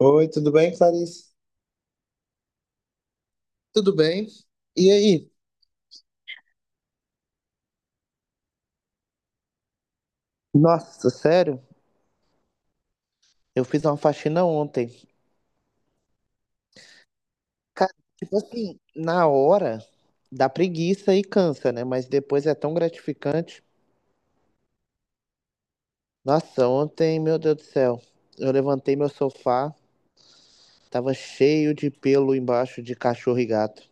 Oi, tudo bem, Clarice? Tudo bem? E aí? Nossa, sério? Eu fiz uma faxina ontem. Cara, tipo assim, na hora dá preguiça e cansa, né? Mas depois é tão gratificante. Nossa, ontem, meu Deus do céu, eu levantei meu sofá, tava cheio de pelo embaixo de cachorro e gato.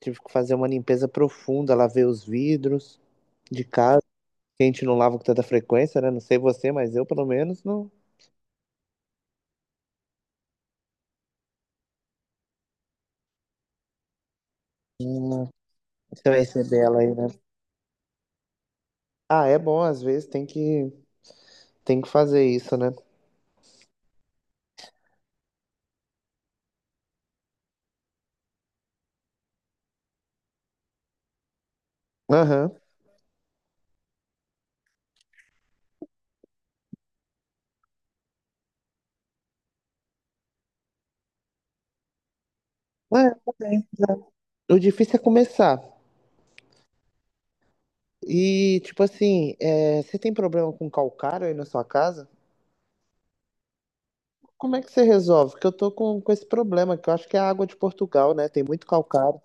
Tive que fazer uma limpeza profunda, lavei os vidros de casa, que a gente não lava com tanta frequência, né? Não sei você, mas eu pelo menos não. Hum. Você vai receber ela aí, né? Ah, é bom, às vezes tem que fazer isso, né? Aham. É, também, é. O difícil é começar. E, tipo assim, é, você tem problema com calcário aí na sua casa? Como é que você resolve? Porque eu tô com esse problema, que eu acho que é a água de Portugal, né? Tem muito calcário.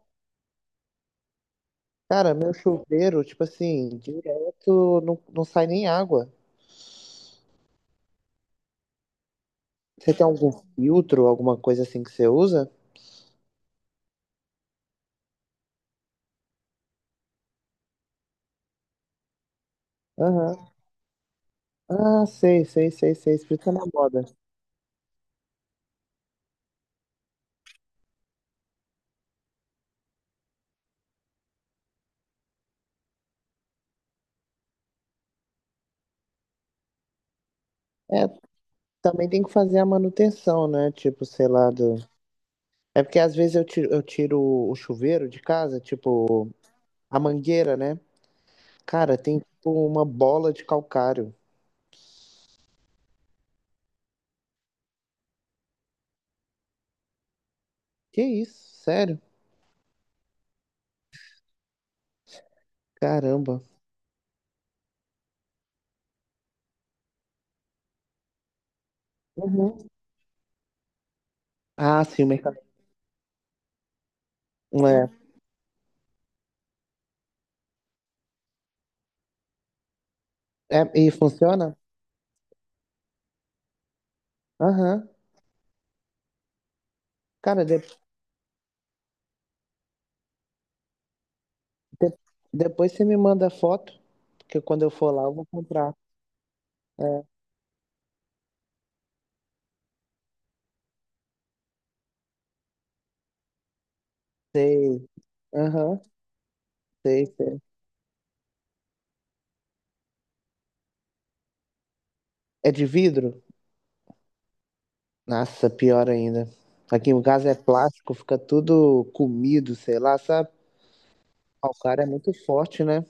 Cara, meu chuveiro, tipo assim, direto não sai nem água. Você tem algum filtro, alguma coisa assim que você usa? Aham. Ah, sei, sei, sei, sei. Isso tá na moda. É. Também tem que fazer a manutenção, né? Tipo, sei lá, do... É porque às vezes eu tiro o chuveiro de casa, tipo, a mangueira, né? Cara, tem tipo uma bola de calcário. Que isso? Sério? Caramba. Uhum. Ah, sim, o mercado. É. É, e funciona? Aham. Cara, de- depois você me manda foto, porque quando eu for lá eu vou comprar. É, sei. Aham, sei, sei. É de vidro? Nossa, pior ainda. Aqui em casa é plástico, fica tudo comido, sei lá, sabe? Ah, o cara é muito forte, né?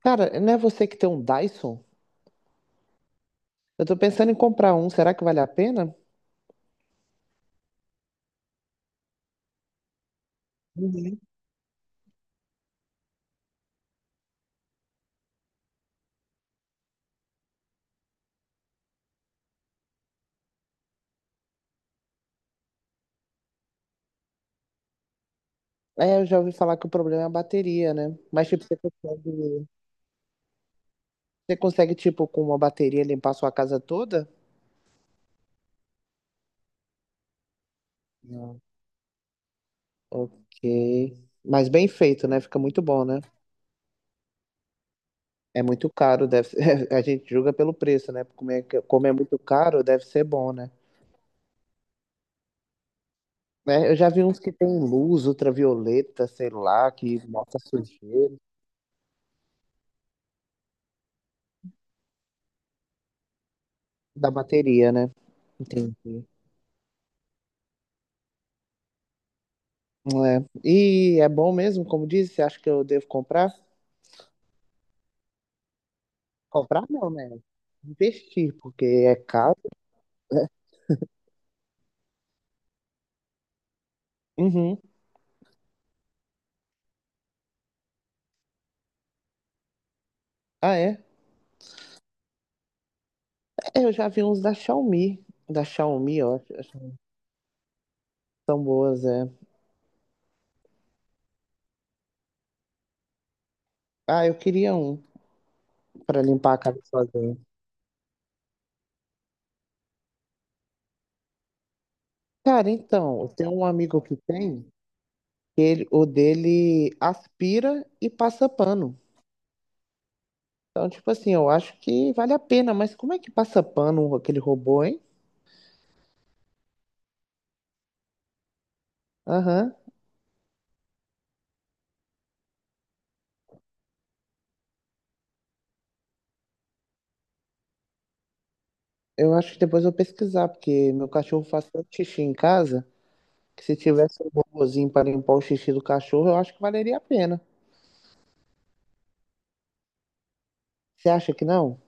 Cara, não é você que tem um Dyson? Eu tô pensando em comprar um, será que vale a pena? Uhum. É, eu já ouvi falar que o problema é a bateria, né? Mas, tipo, você consegue, tipo, com uma bateria limpar a sua casa toda? Não. Ok. Mas bem feito, né? Fica muito bom, né? É muito caro, deve ser... A gente julga pelo preço, né? Como é, como é muito caro, deve ser bom, né? Né? Eu já vi uns que tem luz ultravioleta, sei lá, que mostra sujeira da bateria, né? Entendi. É. E é bom mesmo, como disse, você acha que eu devo comprar? Comprar não, né? Investir, porque é caro. Uhum. Ah, é? É, eu já vi uns da Xiaomi. Da Xiaomi, ó. Acho que elas é. Ah, eu queria um pra limpar a casa sozinho. Cara, então, eu tenho um amigo que tem, que ele, o dele aspira e passa pano. Então, tipo assim, eu acho que vale a pena, mas como é que passa pano aquele robô, hein? Aham. Eu acho que depois eu vou pesquisar, porque meu cachorro faz tanto xixi em casa que se tivesse um robôzinho para limpar o xixi do cachorro, eu acho que valeria a pena. Você acha que não?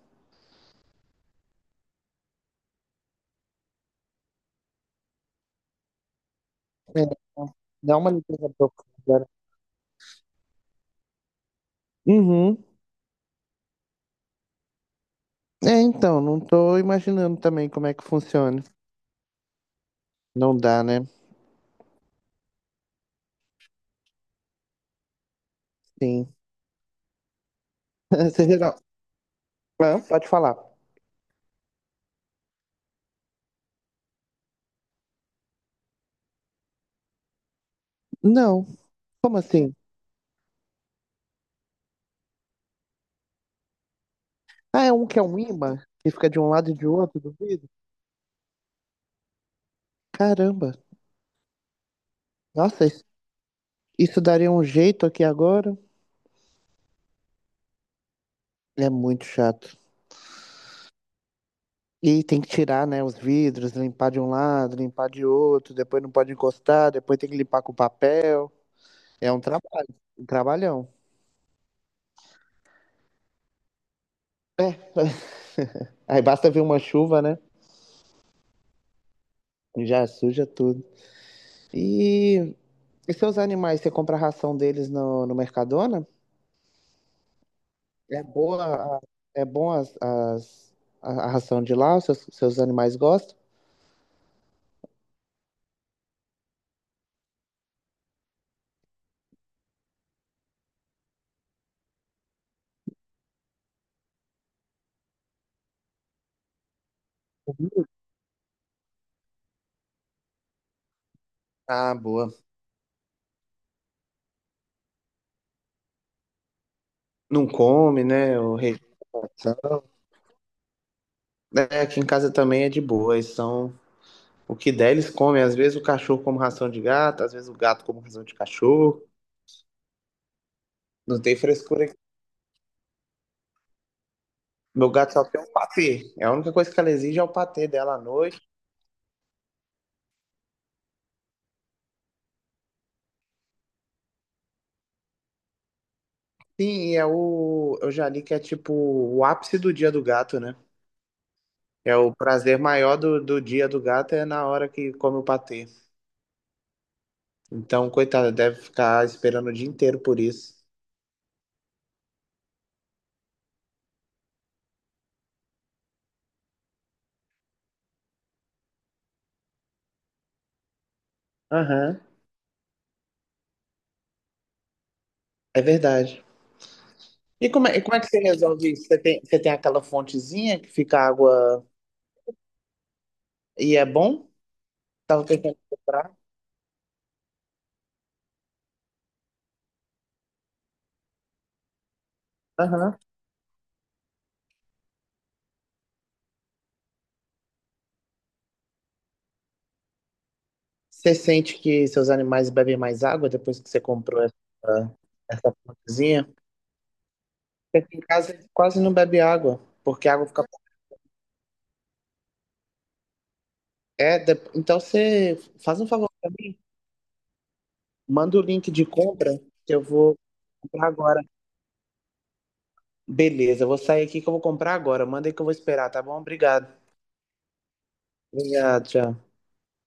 É, então, dá uma limpeza profunda, né? Uhum. É, então, não tô imaginando também como é que funciona. Não dá, né? Sim. Você geral. Ah, pode falar. Não. Como assim? Ah, é um que é um ímã que fica de um lado e de outro do vidro? Caramba. Nossa, isso daria um jeito aqui agora. É muito chato. E tem que tirar, né, os vidros, limpar de um lado, limpar de outro, depois não pode encostar, depois tem que limpar com papel. É um um trabalhão. É, aí basta vir uma chuva, né? E já suja tudo. E, e seus animais, você compra a ração deles no Mercadona? É boa, é bom a ração de lá, os seus animais gostam? Ah, boa. Não come, né? O rejeição. É, aqui em casa também é de boa, eles são o que der, eles comem. Às vezes o cachorro como ração de gato, às vezes o gato como ração de cachorro. Não tem frescura aqui. Meu gato só tem um patê. É a única coisa que ela exige é o patê dela à noite. Sim, e é o. Eu já li que é tipo o ápice do dia do gato, né? É o prazer maior do dia do gato é na hora que come o patê. Então, coitado deve ficar esperando o dia inteiro por isso. Aham, é verdade. E e como é que você resolve isso? Você tem aquela fontezinha que fica água. E é bom? Tava pensando em comprar. Aham. Você sente que seus animais bebem mais água depois que você comprou essa plantazinha? Porque aqui em casa ele quase não bebe água, porque a água fica. É, então você faz um favor pra mim, manda o link de compra que eu vou comprar agora. Beleza, eu vou sair aqui que eu vou comprar agora. Manda aí que eu vou esperar, tá bom? Obrigado. Obrigado, tchau.